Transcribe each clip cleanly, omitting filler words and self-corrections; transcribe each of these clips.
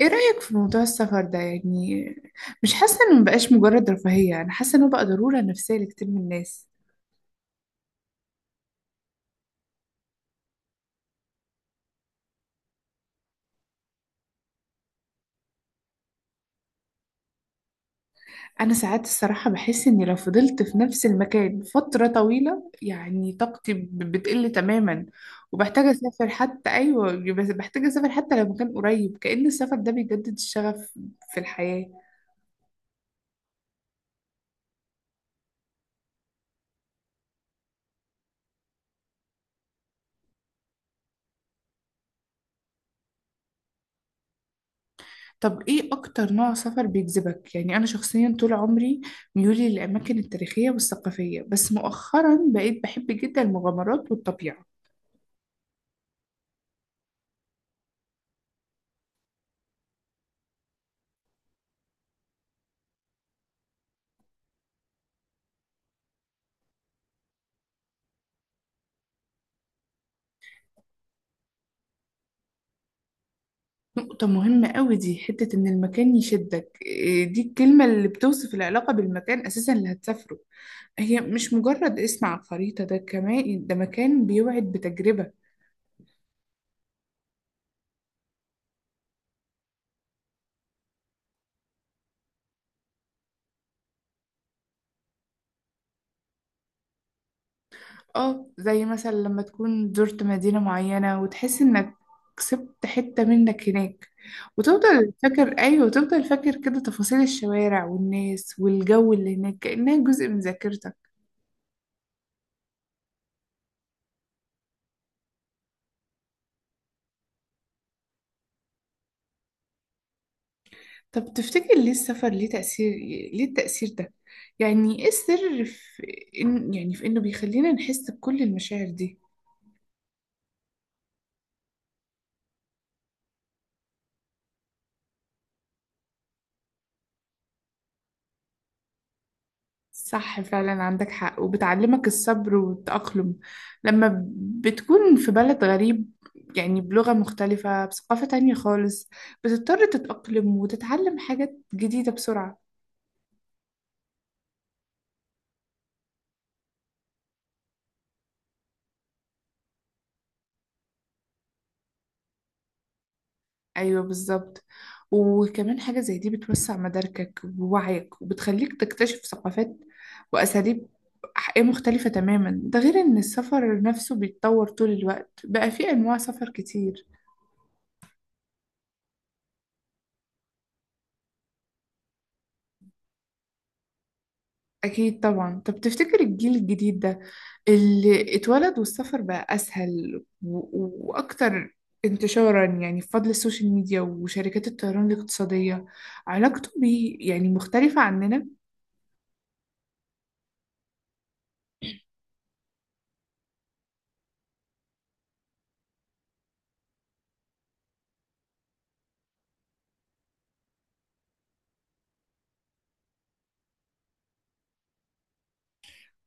ايه رأيك في موضوع السفر ده يعني؟ مش حاسة انه مبقاش مجرد رفاهية، انا حاسة انه بقى ضرورة نفسية لكتير من الناس. انا ساعات الصراحة بحس اني لو فضلت في نفس المكان فترة طويلة يعني طاقتي بتقل تماما، وبحتاج اسافر حتى، ايوه، بس بحتاج اسافر حتى لو مكان قريب، كأن السفر ده بيجدد الشغف في الحياة. طب ايه اكتر نوع سفر بيجذبك؟ يعني انا شخصيا طول عمري ميولي للاماكن التاريخية والثقافية، بس مؤخرا بقيت بحب جدا المغامرات والطبيعة. نقطة مهمة قوي دي، حتة إن المكان يشدك، إيه دي الكلمة اللي بتوصف العلاقة بالمكان أساسا اللي هتسافره. هي مش مجرد اسم على الخريطة، ده كمان ده مكان بيوعد بتجربة. اه، زي مثلا لما تكون زرت مدينة معينة وتحس إنك كسبت حتة منك هناك، وتفضل فاكر، أيوة، وتفضل فاكر كده تفاصيل الشوارع والناس والجو اللي هناك كأنها جزء من ذاكرتك. طب تفتكر ليه السفر ليه تأثير، ليه التأثير ده؟ يعني ايه السر في إن، يعني في إنه بيخلينا نحس بكل المشاعر دي؟ صح، فعلا عندك حق، وبتعلمك الصبر والتأقلم لما بتكون في بلد غريب، يعني بلغة مختلفة بثقافة تانية خالص، بتضطر تتأقلم وتتعلم حاجات جديدة بسرعة. ايوه بالظبط، وكمان حاجة زي دي بتوسع مداركك ووعيك وبتخليك تكتشف ثقافات وأساليب مختلفة تماما، ده غير إن السفر نفسه بيتطور طول الوقت، بقى فيه أنواع سفر كتير. أكيد طبعا. طب تفتكر الجيل الجديد ده اللي اتولد والسفر بقى أسهل وأكتر انتشارا، يعني بفضل السوشيال ميديا وشركات الطيران الاقتصادية، علاقته بيه يعني مختلفة عننا؟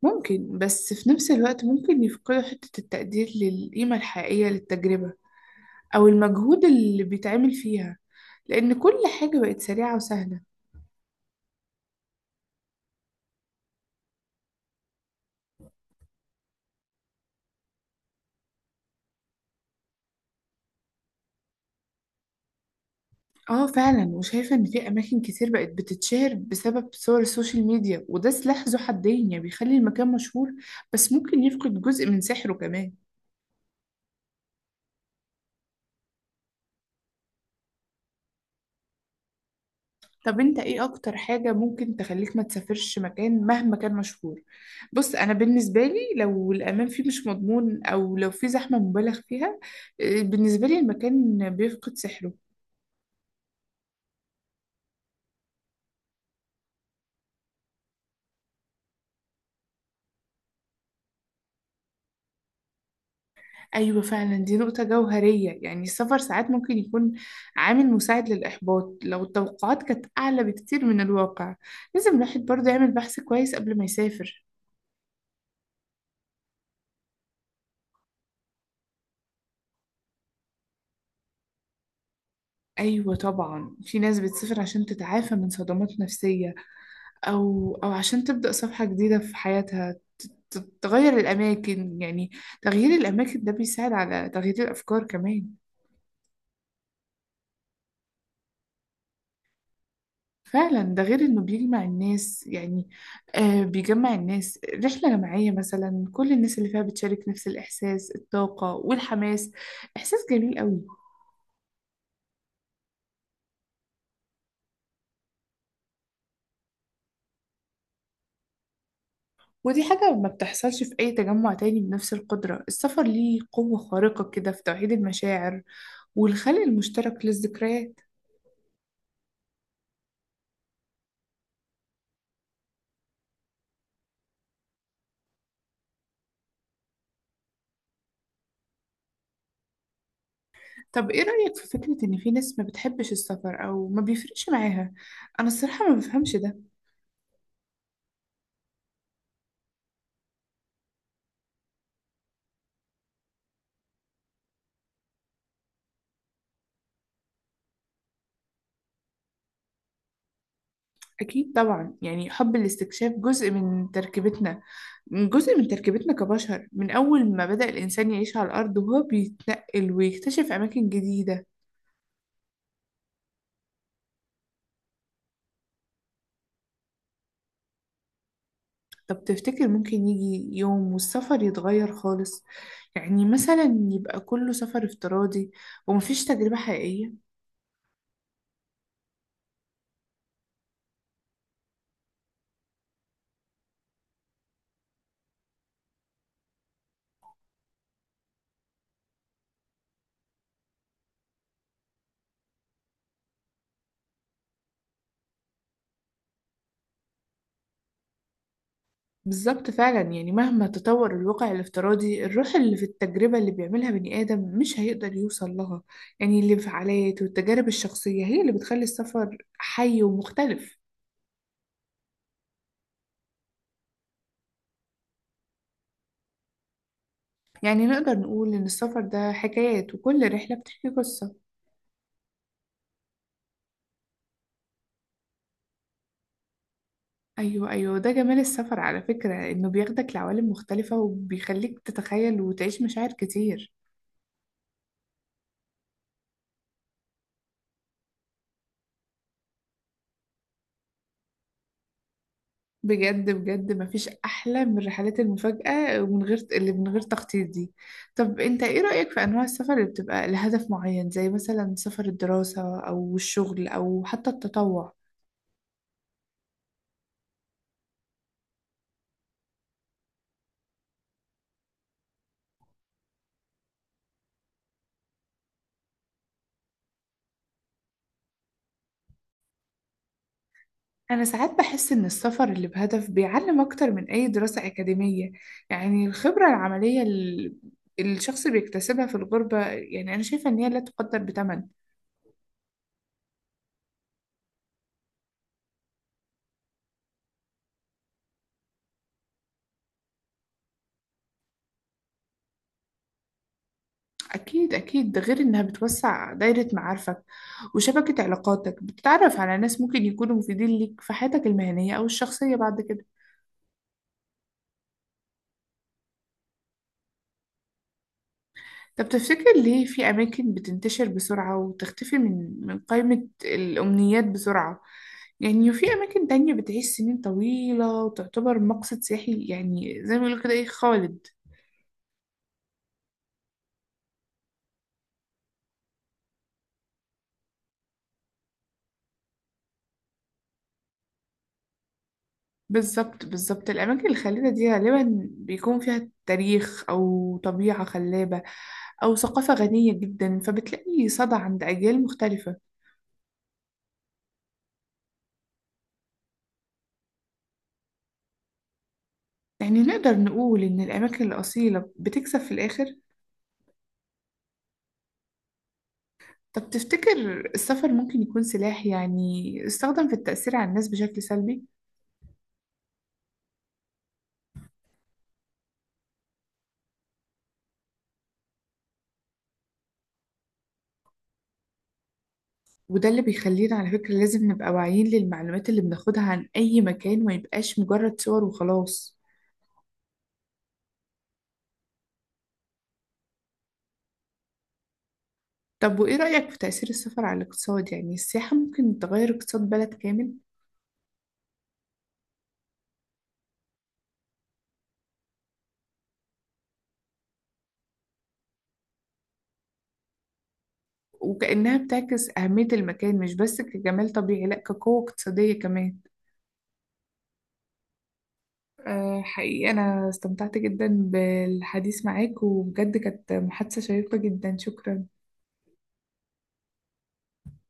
ممكن، بس في نفس الوقت ممكن يفقدوا حتة التقدير للقيمة الحقيقية للتجربة أو المجهود اللي بيتعمل فيها، لأن كل حاجة بقت سريعة وسهلة. اه فعلا، وشايفة ان في اماكن كتير بقت بتتشهر بسبب صور السوشيال ميديا، وده سلاح ذو حدين، يعني بيخلي المكان مشهور بس ممكن يفقد جزء من سحره كمان. طب انت ايه اكتر حاجة ممكن تخليك ما تسافرش مكان مهما كان مشهور؟ بص انا بالنسبة لي لو الامان فيه مش مضمون او لو في زحمة مبالغ فيها، اه، بالنسبة لي المكان بيفقد سحره. ايوه فعلا، دي نقطة جوهرية، يعني السفر ساعات ممكن يكون عامل مساعد للاحباط لو التوقعات كانت اعلى بكتير من الواقع، لازم الواحد برضه يعمل بحث كويس قبل ما يسافر. أيوة طبعا، في ناس بتسافر عشان تتعافى من صدمات نفسية أو عشان تبدأ صفحة جديدة في حياتها. تغير الأماكن، يعني تغيير الأماكن ده بيساعد على تغيير الأفكار كمان. فعلا، ده غير إنه بيجمع الناس، يعني آه بيجمع الناس، رحلة جماعية مثلا كل الناس اللي فيها بتشارك نفس الإحساس، الطاقة والحماس، إحساس جميل قوي. ودي حاجة ما بتحصلش في أي تجمع تاني بنفس القدرة، السفر ليه قوة خارقة كده في توحيد المشاعر والخلق المشترك للذكريات. طب ايه رأيك في فكرة ان في ناس ما بتحبش السفر او ما بيفرقش معاها؟ انا الصراحة ما بفهمش ده. اكيد طبعا، يعني حب الاستكشاف جزء من تركيبتنا، كبشر، من اول ما بدأ الانسان يعيش على الارض وهو بيتنقل ويكتشف اماكن جديدة. طب تفتكر ممكن يجي يوم والسفر يتغير خالص؟ يعني مثلا يبقى كله سفر افتراضي ومفيش تجربة حقيقية؟ بالظبط، فعلا يعني مهما تطور الواقع الافتراضي، الروح اللي في التجربة اللي بيعملها بني آدم مش هيقدر يوصل لها، يعني الانفعالات والتجارب الشخصية هي اللي بتخلي السفر حي ومختلف. يعني نقدر نقول إن السفر ده حكايات، وكل رحلة بتحكي قصة. أيوة أيوة، ده جمال السفر على فكرة، إنه بياخدك لعوالم مختلفة وبيخليك تتخيل وتعيش مشاعر كتير. بجد بجد مفيش أحلى من الرحلات المفاجأة، ومن غير اللي من غير تخطيط دي. طب أنت إيه رأيك في أنواع السفر اللي بتبقى لهدف معين، زي مثلا سفر الدراسة أو الشغل أو حتى التطوع؟ أنا ساعات بحس إن السفر اللي بهدف بيعلم أكتر من أي دراسة أكاديمية، يعني الخبرة العملية اللي الشخص بيكتسبها في الغربة، يعني أنا شايفة إن هي لا تقدر بثمن. أكيد أكيد، ده غير إنها بتوسع دايرة معارفك وشبكة علاقاتك، بتتعرف على ناس ممكن يكونوا مفيدين ليك في حياتك المهنية أو الشخصية بعد كده. طب تفتكر ليه في أماكن بتنتشر بسرعة وتختفي من قائمة الأمنيات بسرعة، يعني وفي أماكن تانية بتعيش سنين طويلة وتعتبر مقصد سياحي، يعني زي ما بيقولوا كده، إيه، خالد؟ بالظبط بالظبط، الأماكن الخلابة دي غالبا بيكون فيها تاريخ أو طبيعة خلابة أو ثقافة غنية جدا، فبتلاقي صدى عند أجيال مختلفة. يعني نقدر نقول إن الأماكن الأصيلة بتكسب في الآخر. طب تفتكر السفر ممكن يكون سلاح، يعني استخدم في التأثير على الناس بشكل سلبي؟ وده اللي بيخلينا على فكرة لازم نبقى واعيين للمعلومات اللي بناخدها عن أي مكان، ما يبقاش مجرد صور وخلاص. طب وإيه رأيك في تأثير السفر على الاقتصاد، يعني السياحة ممكن تغير اقتصاد بلد كامل؟ وكأنها بتعكس أهمية المكان، مش بس كجمال طبيعي، لأ كقوة اقتصادية كمان. أه حقيقي، أنا استمتعت جدا بالحديث معاك، وبجد كانت محادثة شيقة جدا، شكرا.